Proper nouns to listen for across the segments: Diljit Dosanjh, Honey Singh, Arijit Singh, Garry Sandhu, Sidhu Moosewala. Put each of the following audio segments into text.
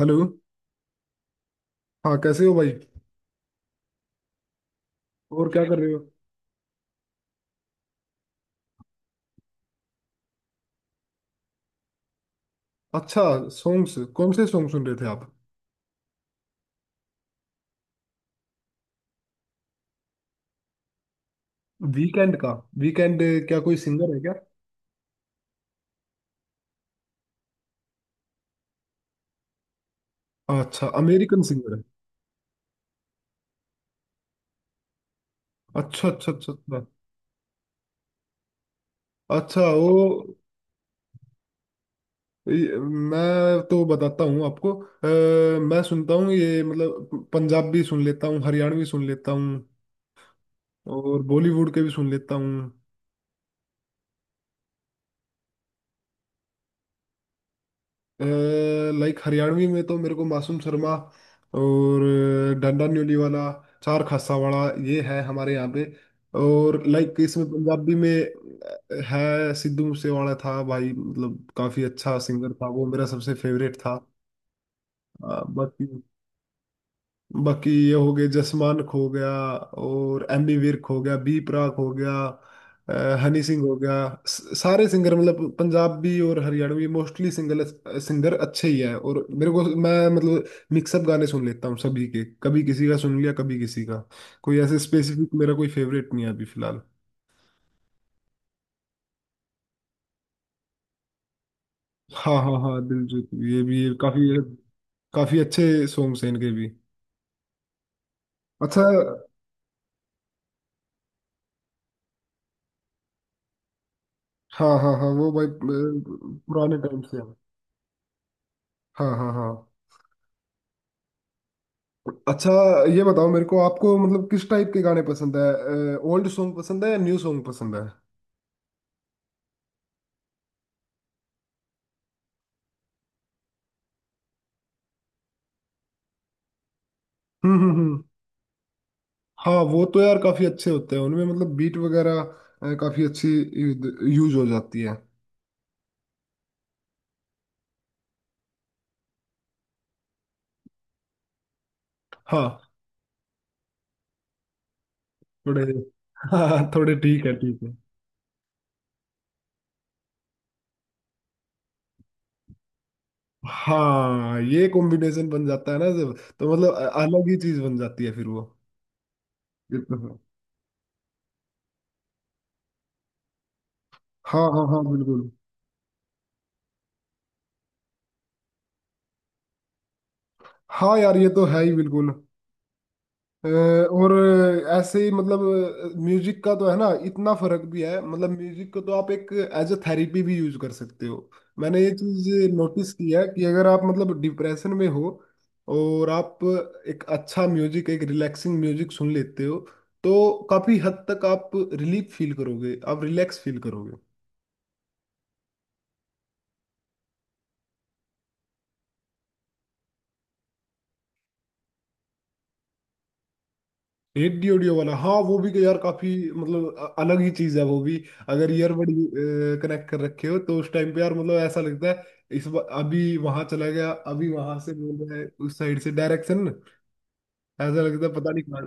Hello. हाँ कैसे हो भाई? और क्या कर रहे हो? अच्छा। सॉन्ग्स। कौन से सॉन्ग सुन रहे थे आप? वीकेंड का। वीकेंड। क्या कोई सिंगर है क्या? अच्छा अमेरिकन सिंगर है। अच्छा अच्छा अच्छा अच्छा। अच्छा वो ये- मैं तो बताता हूँ आपको। मैं सुनता हूँ ये मतलब पंजाबी सुन लेता हूँ, हरियाणवी सुन लेता हूँ, और बॉलीवुड के भी सुन लेता हूँ। लाइक हरियाणवी में तो मेरे को मासूम शर्मा, और डंडा न्यूली वाला, चार खासा वाला, ये है हमारे यहाँ पे। और लाइक इसमें पंजाबी में है सिद्धू मूसेवाला था भाई, मतलब काफी अच्छा सिंगर था, वो मेरा सबसे फेवरेट था। बाकी बाकी ये हो गए जसमान खो गया, और एमी विर्क हो गया, बी प्राक हो गया, हनी सिंह हो गया। सारे सिंगर मतलब पंजाबी और हरियाणवी मोस्टली सिंगर सिंगर अच्छे ही है। और मेरे को मैं मतलब मिक्सअप गाने सुन लेता हूँ सभी के, कभी किसी का सुन लिया कभी किसी का। कोई ऐसे स्पेसिफिक मेरा कोई फेवरेट नहीं है अभी फिलहाल। हाँ हाँ हाँ दिलजीत, ये भी ये काफी, काफी अच्छे सॉन्ग्स हैं इनके भी। अच्छा। हाँ हाँ हाँ वो भाई पुराने टाइम से हैं। हाँ हाँ हाँ। अच्छा। ये बताओ मेरे को, आपको मतलब किस टाइप के गाने पसंद है, ओल्ड सॉन्ग पसंद है या न्यू सॉन्ग पसंद है? हम्म। हाँ वो तो यार काफी अच्छे होते हैं उनमें, मतलब बीट वगैरह काफी अच्छी यूज हो जाती है। हाँ थोड़े। हाँ थोड़े ठीक है ठीक है। हाँ ये कॉम्बिनेशन बन जाता है ना जब, तो मतलब अलग ही चीज बन जाती है फिर वो। ये तो है। हाँ हाँ हाँ बिल्कुल। हाँ यार ये तो है ही बिल्कुल। और ऐसे ही मतलब म्यूजिक का तो है ना इतना फर्क भी है, मतलब म्यूजिक को तो आप एक एज अ थेरेपी भी यूज कर सकते हो। मैंने ये चीज नोटिस की है कि अगर आप मतलब डिप्रेशन में हो और आप एक अच्छा म्यूजिक, एक रिलैक्सिंग म्यूजिक सुन लेते हो, तो काफी हद तक आप रिलीफ फील करोगे, आप रिलैक्स फील करोगे। एडी ऑडियो वाला, हाँ वो भी यार काफी मतलब अलग ही चीज है वो भी। अगर ईयरबड कनेक्ट कर रखे हो तो उस टाइम पे यार मतलब ऐसा लगता है, अभी वहां चला गया, अभी वहां से बोल रहा है, उस साइड से डायरेक्शन। ऐसा लगता है पता नहीं कहाँ।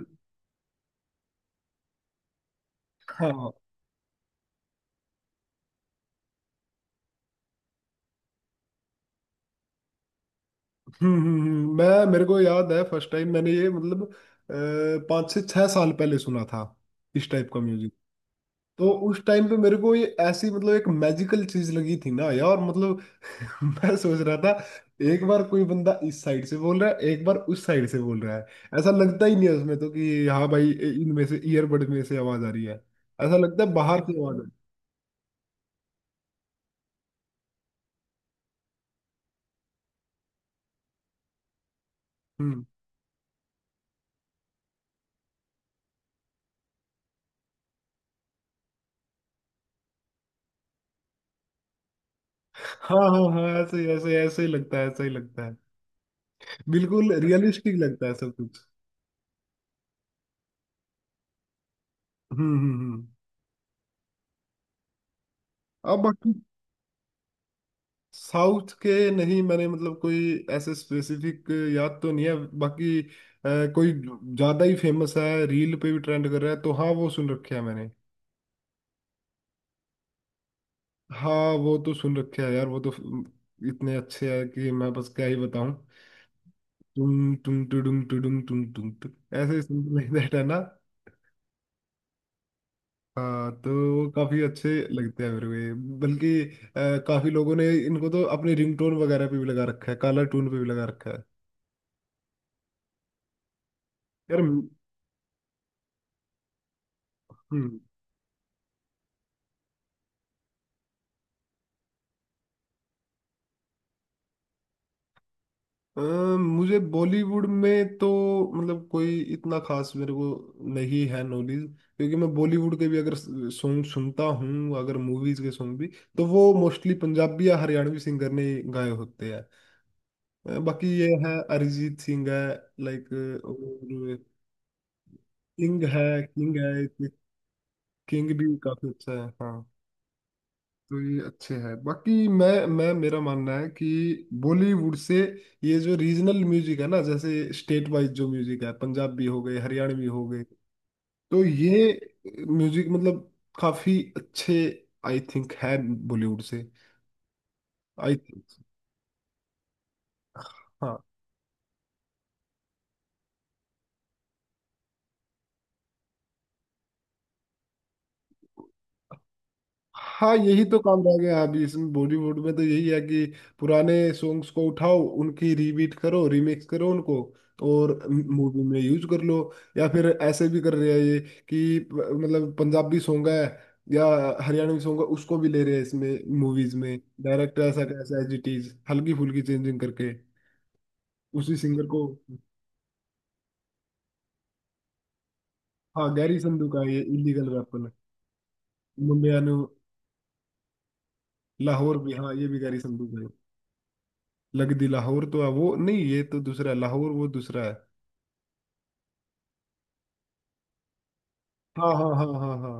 हाँ। मैं मेरे को याद है फर्स्ट टाइम मैंने ये मतलब पाँच से छह साल पहले सुना था इस टाइप का म्यूजिक। तो उस टाइम पे मेरे को ये ऐसी मतलब एक मैजिकल चीज लगी थी ना यार, मतलब मैं सोच रहा था एक बार कोई बंदा इस साइड से बोल रहा है, एक बार उस साइड से बोल रहा है। ऐसा लगता ही नहीं है उसमें तो कि हाँ भाई इनमें से, ईयरबड में से आवाज आ रही है। ऐसा लगता है बाहर से आवाज आ रही है। हम्म। हाँ हाँ हाँ ऐसे ऐसे ही लगता है, ऐसा ही लगता है। बिल्कुल रियलिस्टिक लगता है सब कुछ। हम्म। अब बाकी साउथ के नहीं, मैंने मतलब कोई ऐसे स्पेसिफिक याद तो नहीं है। बाकी कोई ज्यादा ही फेमस है, रील पे भी ट्रेंड कर रहा है, तो हाँ वो सुन रखे है मैंने। हाँ वो तो सुन रखे है यार, वो तो इतने अच्छे हैं कि मैं बस क्या ही बताऊं। तुम टुडुम टुडुम तुम, ऐसे सिंपल दैट है ना। हाँ तो वो काफी अच्छे लगते हैं मेरे को ये। बल्कि काफी लोगों ने इनको तो अपने रिंगटोन वगैरह पे भी लगा रखा है, कालर टून पे भी लगा रखा है। यार। हम्म। अ, मुझे बॉलीवुड में तो मतलब कोई इतना खास मेरे को नहीं है नॉलेज, क्योंकि मैं बॉलीवुड के भी अगर सॉन्ग सुनता हूँ, अगर मूवीज के सॉन्ग भी, तो वो मोस्टली पंजाबी या हरियाणवी सिंगर ने गाए होते हैं। बाकी ये है अरिजीत सिंह है, लाइक, और किंग है, किंग है, किंग भी काफी अच्छा है हाँ। तो ये अच्छे हैं। बाकी मैं, मेरा मानना है कि बॉलीवुड से ये जो रीजनल म्यूजिक है ना, जैसे स्टेट वाइज जो म्यूजिक है, पंजाबी हो गए हरियाणवी हो गए, तो ये म्यूजिक मतलब काफी अच्छे आई थिंक है बॉलीवुड से, आई थिंक। हाँ। हाँ यही तो काम रह गया है अभी इसमें, बॉलीवुड में तो यही है कि पुराने सॉन्ग्स को उठाओ, उनकी रीबीट करो, रीमिक्स करो उनको, और मूवी में यूज कर लो। या फिर ऐसे भी कर रहे हैं ये कि मतलब पंजाबी सॉन्ग है या हरियाणवी सॉन्ग है, उसको भी ले रहे हैं इसमें मूवीज में डायरेक्ट, ऐसा कैसा एज इट इज हल्की फुल्की चेंजिंग करके उसी सिंगर को। हाँ गैरी संधू का है ये इलीगल वेपन, मुंडिया, लाहौर भी। हाँ ये भी गैरी संधू का है। लगदी लाहौर तो है वो नहीं, ये तो दूसरा है, लाहौर वो दूसरा है। हाँ हाँ हाँ हाँ हाँ।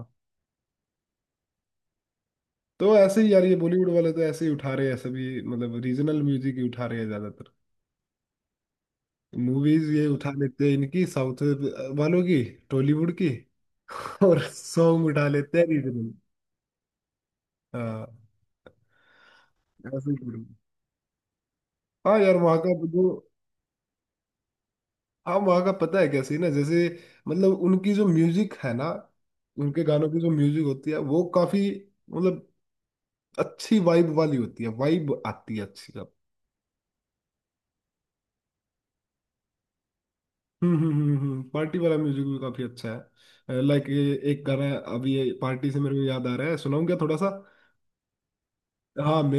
तो ऐसे ही यार ये बॉलीवुड वाले तो ऐसे ही उठा रहे हैं सभी, मतलब रीजनल म्यूजिक ही उठा रहे हैं ज्यादातर। मूवीज ये उठा लेते हैं इनकी साउथ वालों की, टॉलीवुड की, और सॉन्ग उठा लेते हैं रीजनल। हाँ ऐसे ही करो। हाँ यार वहाँ का जो, हाँ वहाँ का पता है कैसे ना, जैसे मतलब उनकी जो म्यूजिक है ना, उनके गानों की जो म्यूजिक होती है वो काफी मतलब अच्छी वाइब वाली होती है, वाइब आती है अच्छी अब। हम्म। पार्टी वाला म्यूजिक भी काफी अच्छा है। लाइक ये एक गाना है, अभी ये पार्टी से मेरे को याद आ रहा है, सुनाऊं क्या थोड़ा सा? हाँ मैं,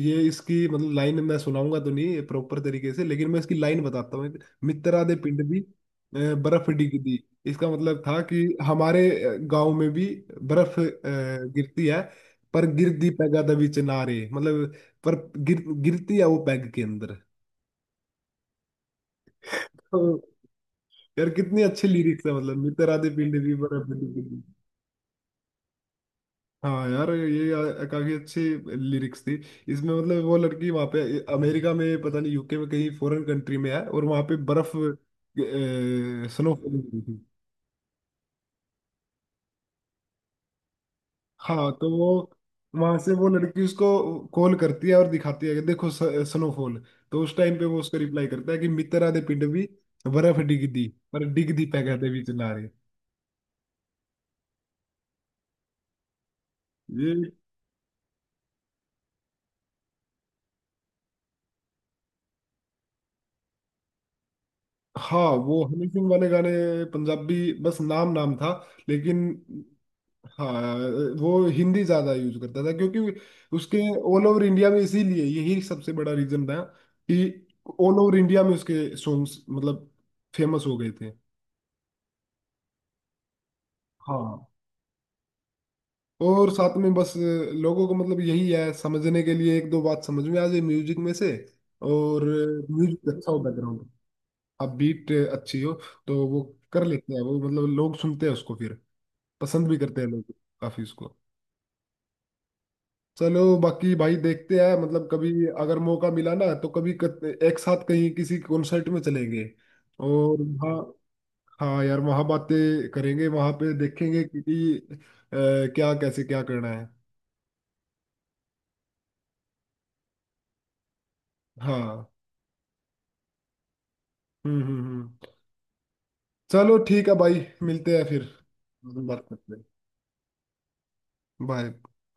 ये इसकी मतलब लाइन मैं सुनाऊंगा तो नहीं प्रॉपर तरीके से, लेकिन मैं इसकी लाइन बताता हूँ। मित्रा दे पिंड भी बर्फ डिगदी। इसका मतलब था कि हमारे गांव में भी बर्फ गिरती है। पर गिरदी पैगा दे विच नारे, मतलब पर गिरती है वो पैग के अंदर। यार कितनी अच्छे लिरिक्स है, मतलब मित्र आधे पीले दीवार अब मिली जुली। हाँ यार ये काफी अच्छे लिरिक्स थी। इसमें मतलब वो लड़की वहां पे अमेरिका में, पता नहीं यूके में, कहीं फॉरेन कंट्री में है और वहां पे बर्फ स्नो हुई थी। हाँ तो वो वहां से वो लड़की उसको कॉल करती है और दिखाती है कि देखो स्नोफॉल। तो उस टाइम पे वो उसको रिप्लाई करता है कि मित्र आधे पिंड भी बर्फ डिग दी, पर डिग दी पै कहते बीच नारे। ये, हाँ वो हनी सिंह वाले गाने पंजाबी बस नाम नाम था, लेकिन हाँ वो हिंदी ज्यादा यूज करता था, क्योंकि उसके ऑल ओवर इंडिया में इसीलिए यही सबसे बड़ा रीजन था कि ऑल ओवर इंडिया में उसके सॉन्ग्स मतलब फेमस हो गए थे। हाँ और साथ में बस लोगों को मतलब यही है, समझने के लिए एक दो बात समझ में आ जाए म्यूजिक में से, और म्यूजिक अच्छा हो बैकग्राउंड, अब बीट अच्छी हो, तो वो कर लेते हैं वो, मतलब लोग सुनते हैं उसको फिर, पसंद भी करते हैं लोग काफी उसको। चलो बाकी भाई देखते हैं मतलब, कभी अगर मौका मिला ना तो कभी एक साथ कहीं किसी कॉन्सर्ट में चलेंगे और वहाँ, हाँ यार वहाँ बातें करेंगे, वहाँ पे देखेंगे कि क्या, कैसे, क्या करना है। हाँ। हम्म। चलो ठीक है भाई, मिलते हैं फिर। बात करते हैं। बाय।